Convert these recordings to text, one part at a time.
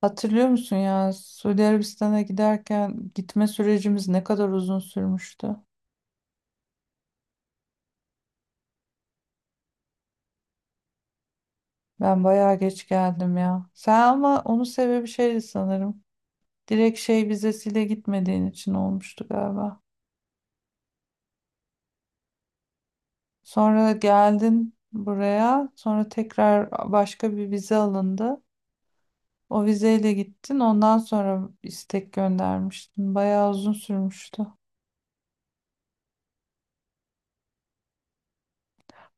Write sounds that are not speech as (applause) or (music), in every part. Hatırlıyor musun ya Suudi Arabistan'a giderken gitme sürecimiz ne kadar uzun sürmüştü. Ben bayağı geç geldim ya. Sen ama onun sebebi şeydi sanırım. Direkt şey vizesiyle gitmediğin için olmuştu galiba. Sonra geldin buraya, sonra tekrar başka bir vize alındı. O vizeyle gittin, ondan sonra istek göndermiştin. Bayağı uzun sürmüştü.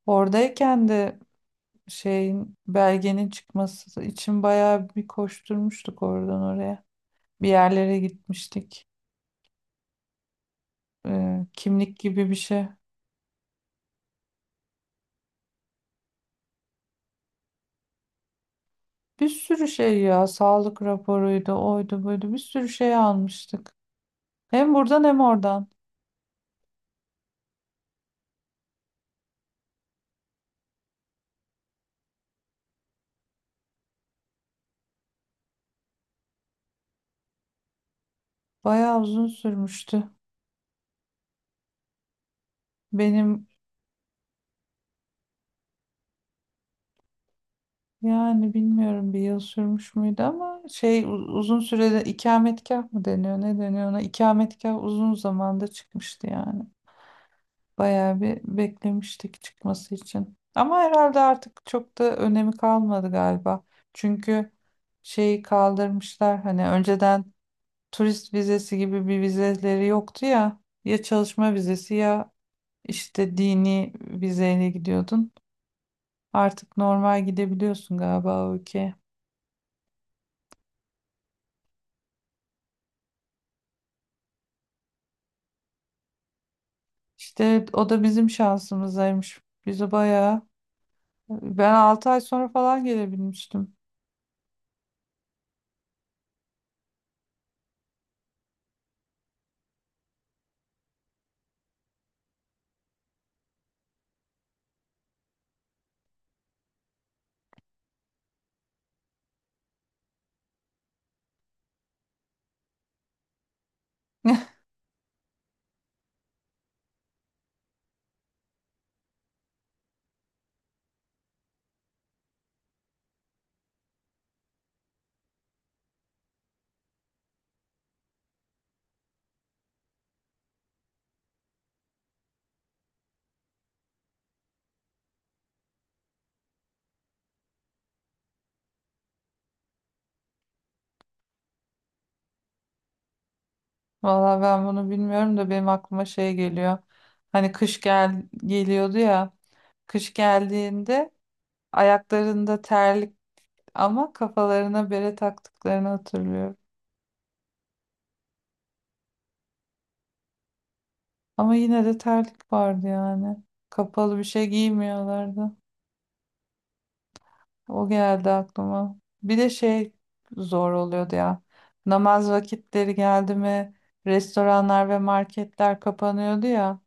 Oradayken de şeyin belgenin çıkması için bayağı bir koşturmuştuk oradan oraya. Bir yerlere gitmiştik. Kimlik gibi bir şey. Bir sürü şey ya sağlık raporuydu oydu buydu bir sürü şey almıştık. Hem buradan hem oradan. Bayağı uzun sürmüştü. Benim yani bilmiyorum bir yıl sürmüş müydü ama şey uzun sürede ikametgah mı deniyor ne deniyor ona ikametgah uzun zamanda çıkmıştı yani. Bayağı bir beklemiştik çıkması için. Ama herhalde artık çok da önemi kalmadı galiba. Çünkü şeyi kaldırmışlar hani önceden turist vizesi gibi bir vizeleri yoktu ya. Ya çalışma vizesi ya işte dini vizeyle gidiyordun. Artık normal gidebiliyorsun galiba o ülkeye. İşte o da bizim şansımızaymış. Bizi bayağı ben 6 ay sonra falan gelebilmiştim. (laughs) Valla ben bunu bilmiyorum da benim aklıma şey geliyor. Hani kış geliyordu ya. Kış geldiğinde ayaklarında terlik ama kafalarına bere taktıklarını hatırlıyorum. Ama yine de terlik vardı yani. Kapalı bir şey giymiyorlardı. O geldi aklıma. Bir de şey zor oluyordu ya. Namaz vakitleri geldi mi restoranlar ve marketler kapanıyordu ya.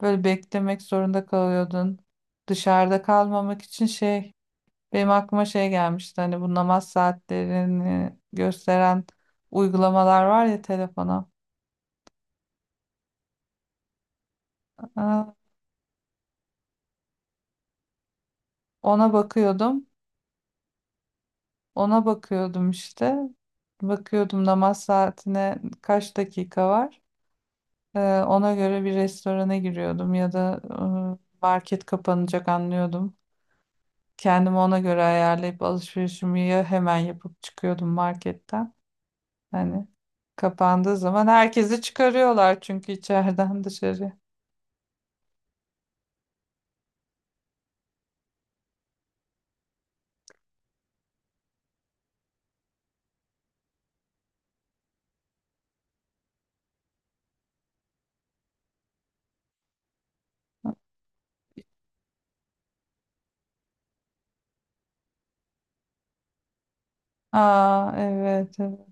Böyle beklemek zorunda kalıyordun. Dışarıda kalmamak için şey benim aklıma şey gelmişti. Hani bu namaz saatlerini gösteren uygulamalar var ya telefona. Aa, ona bakıyordum. Ona bakıyordum işte. Bakıyordum namaz saatine kaç dakika var. Ona göre bir restorana giriyordum ya da market kapanacak anlıyordum. Kendimi ona göre ayarlayıp alışverişimi ya hemen yapıp çıkıyordum marketten. Hani kapandığı zaman herkesi çıkarıyorlar çünkü içeriden (laughs) dışarı. Aa, evet, evet,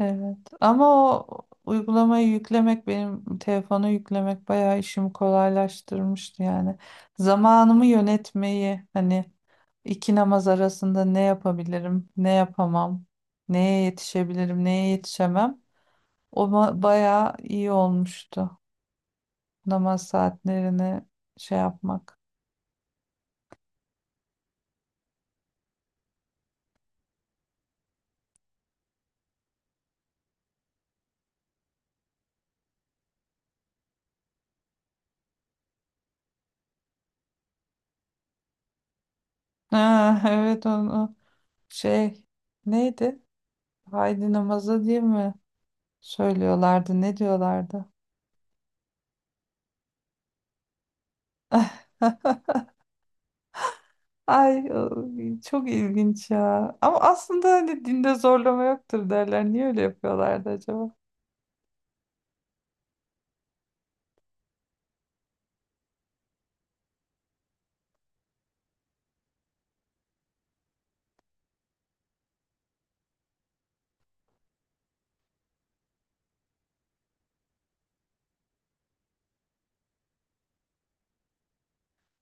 evet. Ama o uygulamayı yüklemek benim telefonu yüklemek bayağı işimi kolaylaştırmıştı yani. Zamanımı yönetmeyi hani iki namaz arasında ne yapabilirim, ne yapamam, neye yetişebilirim, neye yetişemem. O bayağı iyi olmuştu namaz saatlerini şey yapmak. (laughs) Ha, evet, onu. Şey neydi? Haydi namaza diye mi söylüyorlardı? Ne diyorlardı? Ay çok ilginç ya. Ama aslında hani dinde zorlama yoktur derler. Niye öyle yapıyorlardı acaba?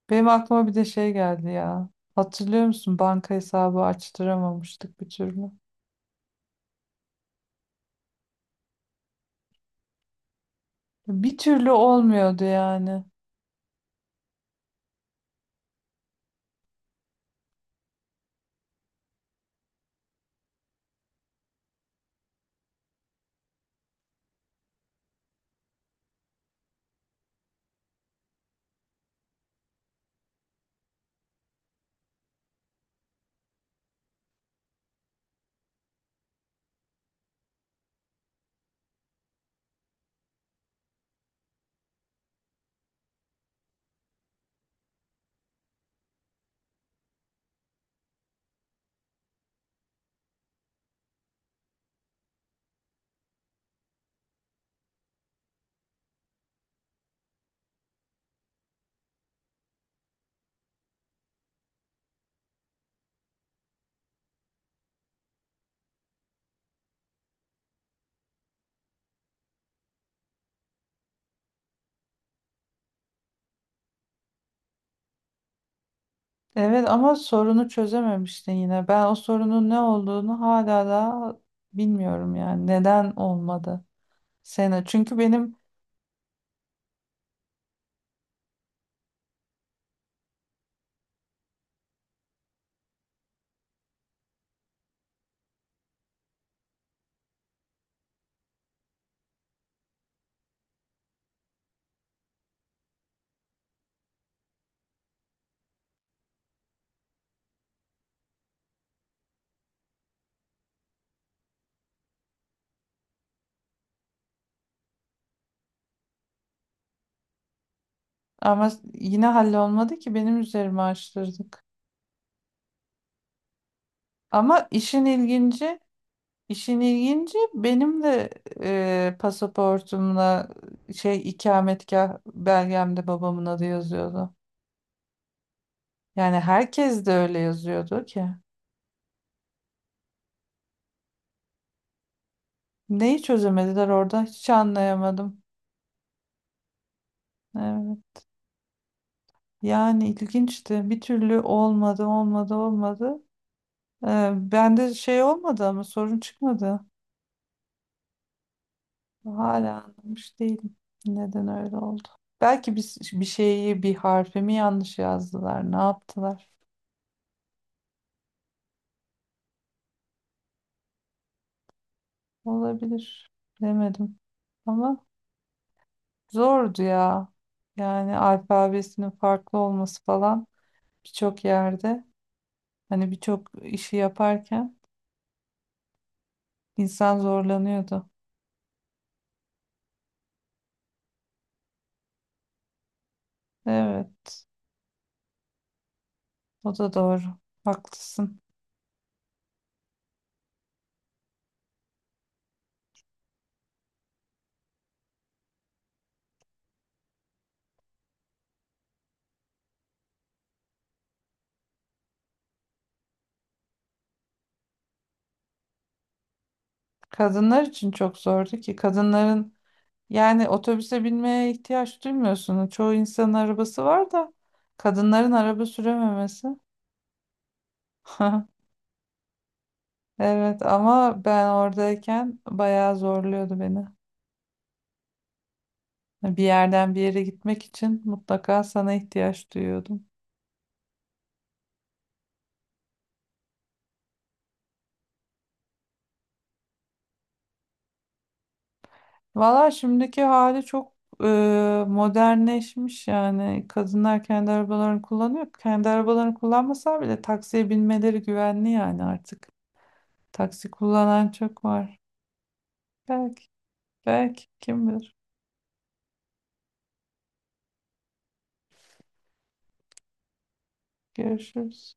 Benim aklıma bir de şey geldi ya. Hatırlıyor musun? Banka hesabı açtıramamıştık bir türlü. Bir türlü olmuyordu yani. Evet ama sorunu çözememiştin yine. Ben o sorunun ne olduğunu hala da bilmiyorum yani. Neden olmadı? Sena. Çünkü benim. Ama yine hallolmadı ki benim üzerime açtırdık. Ama işin ilginci, işin ilginci benim de pasaportumla şey ikametgah belgemde babamın adı yazıyordu. Yani herkes de öyle yazıyordu ki. Neyi çözemediler orada hiç anlayamadım. Evet. Yani ilginçti. Bir türlü olmadı, olmadı, olmadı. Bende şey olmadı ama sorun çıkmadı. Hala anlamış değilim. Neden öyle oldu? Belki bir şeyi, bir harfi mi yanlış yazdılar, ne yaptılar? Olabilir. Demedim. Ama zordu ya. Yani alfabesinin farklı olması falan birçok yerde hani birçok işi yaparken insan zorlanıyordu. Evet, o da doğru. Haklısın. Kadınlar için çok zordu ki kadınların. Yani otobüse binmeye ihtiyaç duymuyorsun. Çoğu insanın arabası var da kadınların araba sürememesi. (laughs) Evet ama ben oradayken bayağı zorluyordu beni. Bir yerden bir yere gitmek için mutlaka sana ihtiyaç duyuyordum. Valla şimdiki hali çok modernleşmiş yani. Kadınlar kendi arabalarını kullanıyor. Kendi arabalarını kullanmasa bile taksiye binmeleri güvenli yani artık. Taksi kullanan çok var. Belki, belki kim bilir. Görüşürüz.